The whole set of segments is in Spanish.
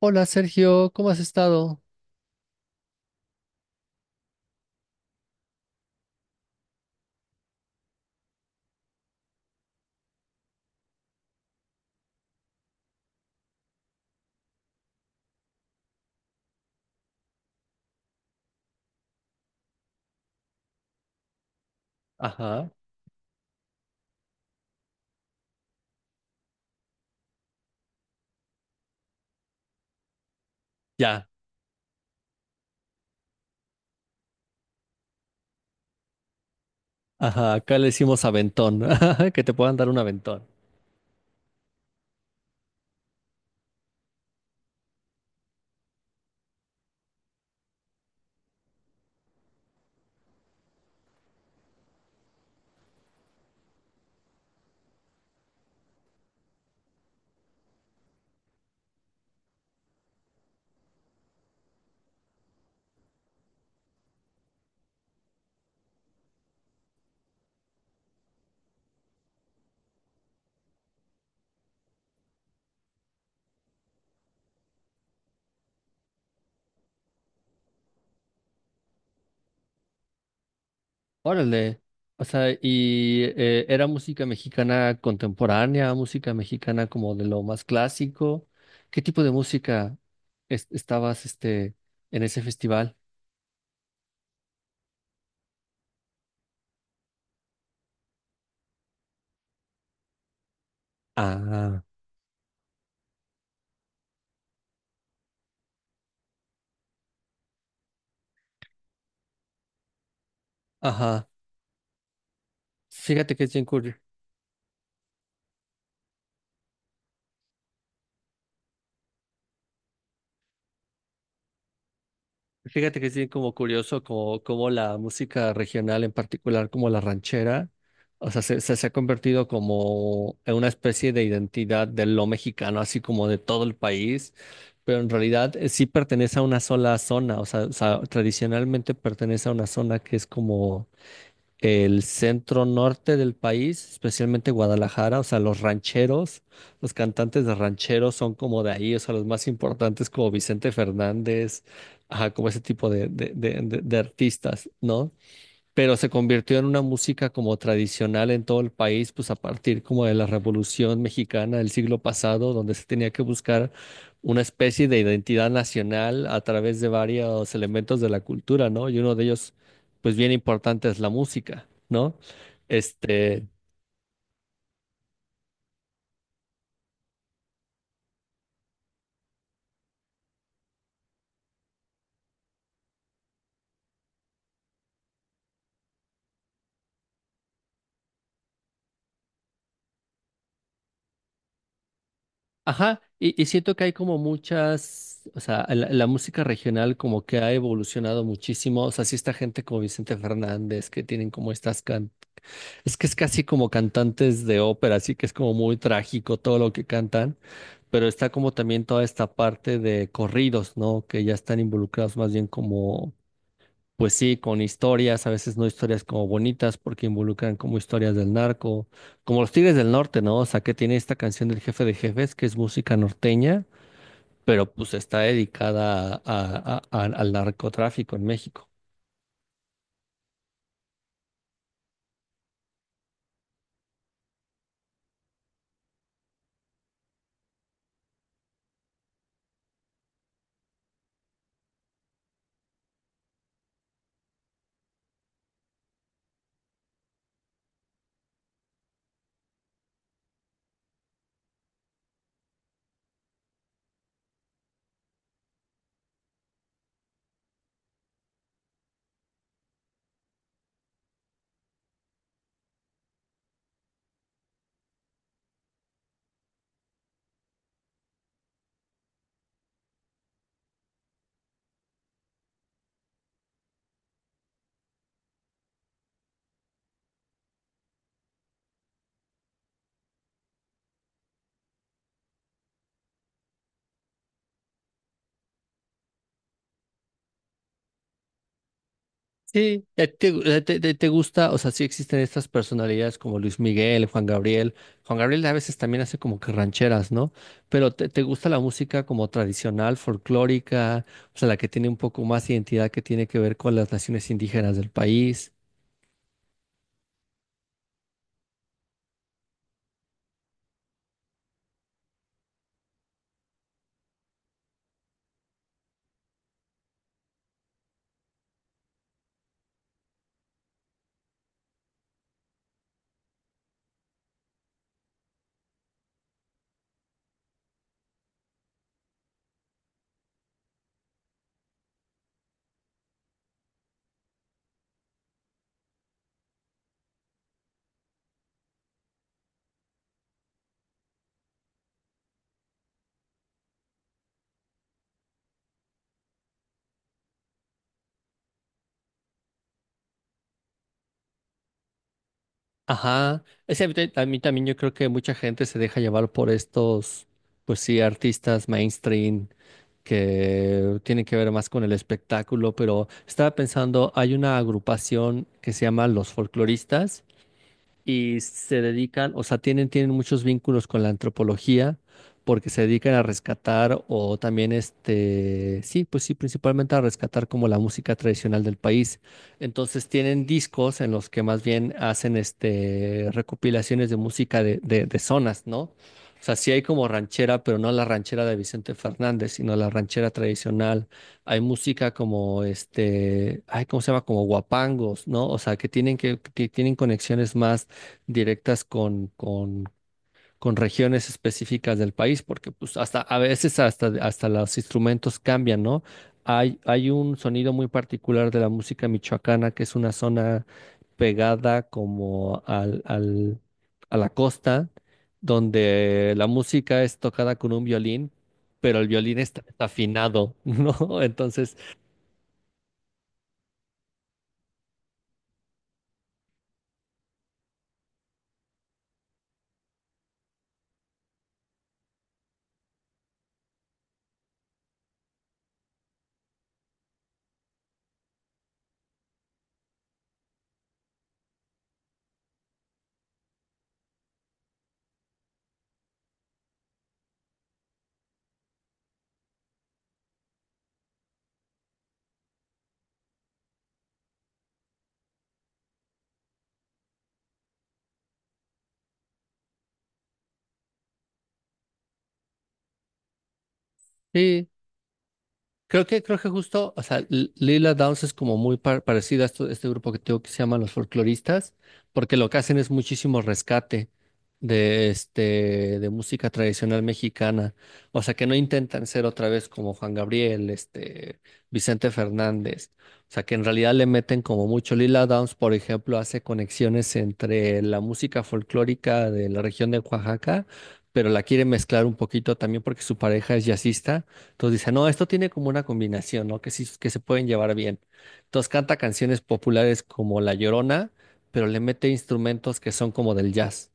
Hola Sergio, ¿cómo has estado? Ajá, ya. Ajá, acá le decimos aventón. Que te puedan dar un aventón. Órale. O sea, y era música mexicana contemporánea, música mexicana como de lo más clásico. ¿Qué tipo de música estabas en ese festival? Ah, ajá. Fíjate que es bien curioso. Fíjate que es bien como curioso como, como la música regional, en particular como la ranchera, o sea, se ha convertido como en una especie de identidad de lo mexicano, así como de todo el país, pero en realidad sí pertenece a una sola zona, o sea, tradicionalmente pertenece a una zona que es como el centro norte del país, especialmente Guadalajara, o sea, los rancheros, los cantantes de rancheros son como de ahí, o sea, los más importantes como Vicente Fernández, ajá, como ese tipo de artistas, ¿no? Pero se convirtió en una música como tradicional en todo el país, pues a partir como de la Revolución Mexicana del siglo pasado, donde se tenía que buscar una especie de identidad nacional a través de varios elementos de la cultura, ¿no? Y uno de ellos, pues bien importante, es la música, ¿no? Este, ajá, y siento que hay como muchas, o sea, la música regional como que ha evolucionado muchísimo, o sea, sí está gente como Vicente Fernández, que tienen como estas can. Es que es casi como cantantes de ópera, así que es como muy trágico todo lo que cantan, pero está como también toda esta parte de corridos, ¿no? Que ya están involucrados más bien como, pues sí, con historias, a veces no historias como bonitas, porque involucran como historias del narco, como los Tigres del Norte, ¿no? O sea, que tiene esta canción del Jefe de Jefes, que es música norteña, pero pues está dedicada al narcotráfico en México. Sí, ¿a ti te gusta, o sea, sí existen estas personalidades como Luis Miguel, Juan Gabriel. Juan Gabriel a veces también hace como que rancheras, ¿no? Pero te gusta la música como tradicional, folclórica, o sea, la que tiene un poco más identidad que tiene que ver con las naciones indígenas del país. Ajá. Es, que a mí a mí también yo creo que mucha gente se deja llevar por estos, pues sí, artistas mainstream que tiene que ver más con el espectáculo, pero estaba pensando, hay una agrupación que se llama Los Folcloristas y se dedican, o sea, tienen, tienen muchos vínculos con la antropología porque se dedican a rescatar o también sí, pues sí, principalmente a rescatar como la música tradicional del país. Entonces tienen discos en los que más bien hacen este recopilaciones de música de zonas, ¿no? O sea, sí hay como ranchera, pero no la ranchera de Vicente Fernández, sino la ranchera tradicional. Hay música como este, ay, ¿cómo se llama? Como guapangos, ¿no? O sea, que tienen conexiones más directas con regiones específicas del país, porque pues hasta a veces hasta los instrumentos cambian, ¿no? Hay un sonido muy particular de la música michoacana, que es una zona pegada como a la costa, donde la música es tocada con un violín, pero el violín está, afinado, ¿no? Entonces, sí, creo que, creo que justo, o sea, Lila Downs es como muy parecida a este grupo que tengo que se llama los folcloristas, porque lo que hacen es muchísimo rescate de, este, de música tradicional mexicana. O sea, que no intentan ser otra vez como Juan Gabriel, este, Vicente Fernández. O sea, que en realidad le meten como mucho. Lila Downs, por ejemplo, hace conexiones entre la música folclórica de la región de Oaxaca, pero la quiere mezclar un poquito también porque su pareja es jazzista. Entonces dice, no, esto tiene como una combinación, ¿no? Que sí, que se pueden llevar bien. Entonces canta canciones populares como La Llorona, pero le mete instrumentos que son como del jazz.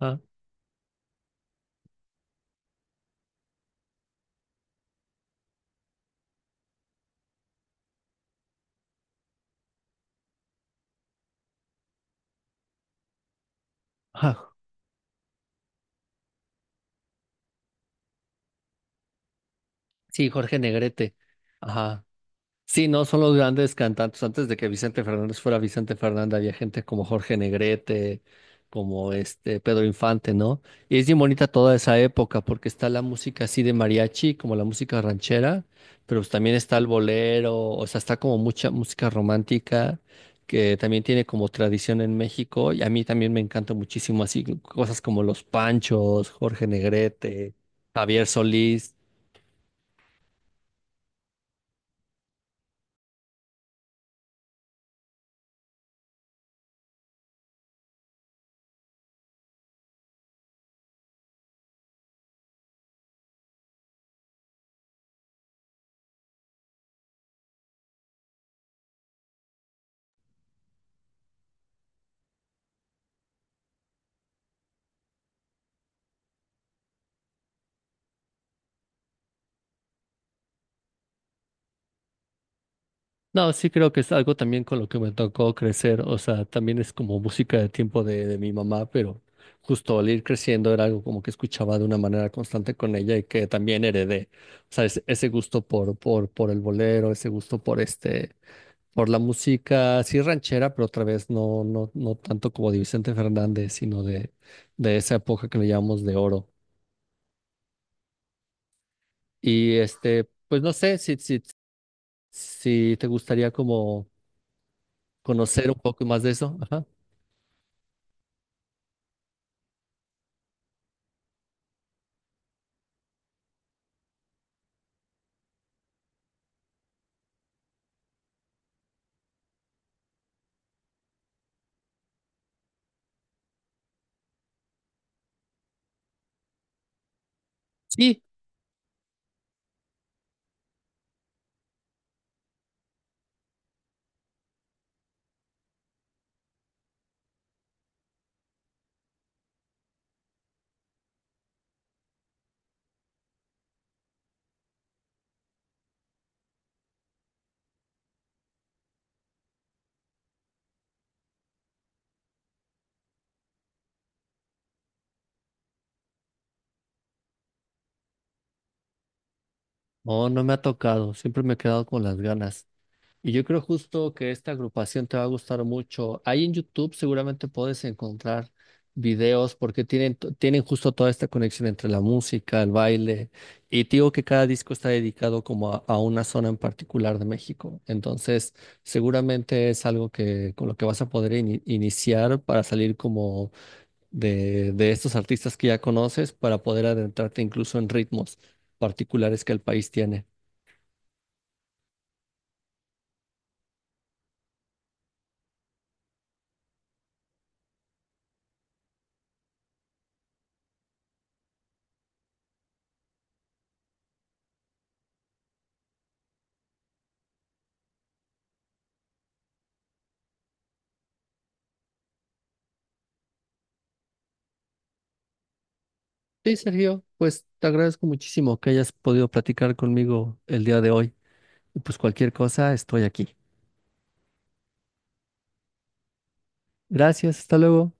Ah, ajá. Sí, Jorge Negrete. Ajá. Sí, no son los grandes cantantes. Antes de que Vicente Fernández fuera Vicente Fernández, había gente como Jorge Negrete, como este Pedro Infante, ¿no? Y es bien bonita toda esa época porque está la música así de mariachi, como la música ranchera, pero pues también está el bolero, o sea, está como mucha música romántica que también tiene como tradición en México y a mí también me encanta muchísimo así cosas como Los Panchos, Jorge Negrete, Javier Solís. No, sí creo que es algo también con lo que me tocó crecer, o sea, también es como música de tiempo de mi mamá, pero justo al ir creciendo era algo como que escuchaba de una manera constante con ella y que también heredé, o sea, ese gusto por el bolero, ese gusto por este, por la música, sí ranchera, pero otra vez no tanto como de Vicente Fernández, sino de esa época que le llamamos de oro. Y este, pues no sé si te gustaría como conocer un poco más de eso. Ajá. Sí. No, no me ha tocado. Siempre me he quedado con las ganas. Y yo creo justo que esta agrupación te va a gustar mucho. Ahí en YouTube seguramente puedes encontrar videos porque tienen, tienen justo toda esta conexión entre la música, el baile. Y te digo que cada disco está dedicado como a una zona en particular de México. Entonces, seguramente es algo que con lo que vas a poder iniciar para salir como de estos artistas que ya conoces, para poder adentrarte incluso en ritmos particulares que el país tiene. Sí, Sergio, pues te agradezco muchísimo que hayas podido platicar conmigo el día de hoy. Y pues cualquier cosa, estoy aquí. Gracias, hasta luego.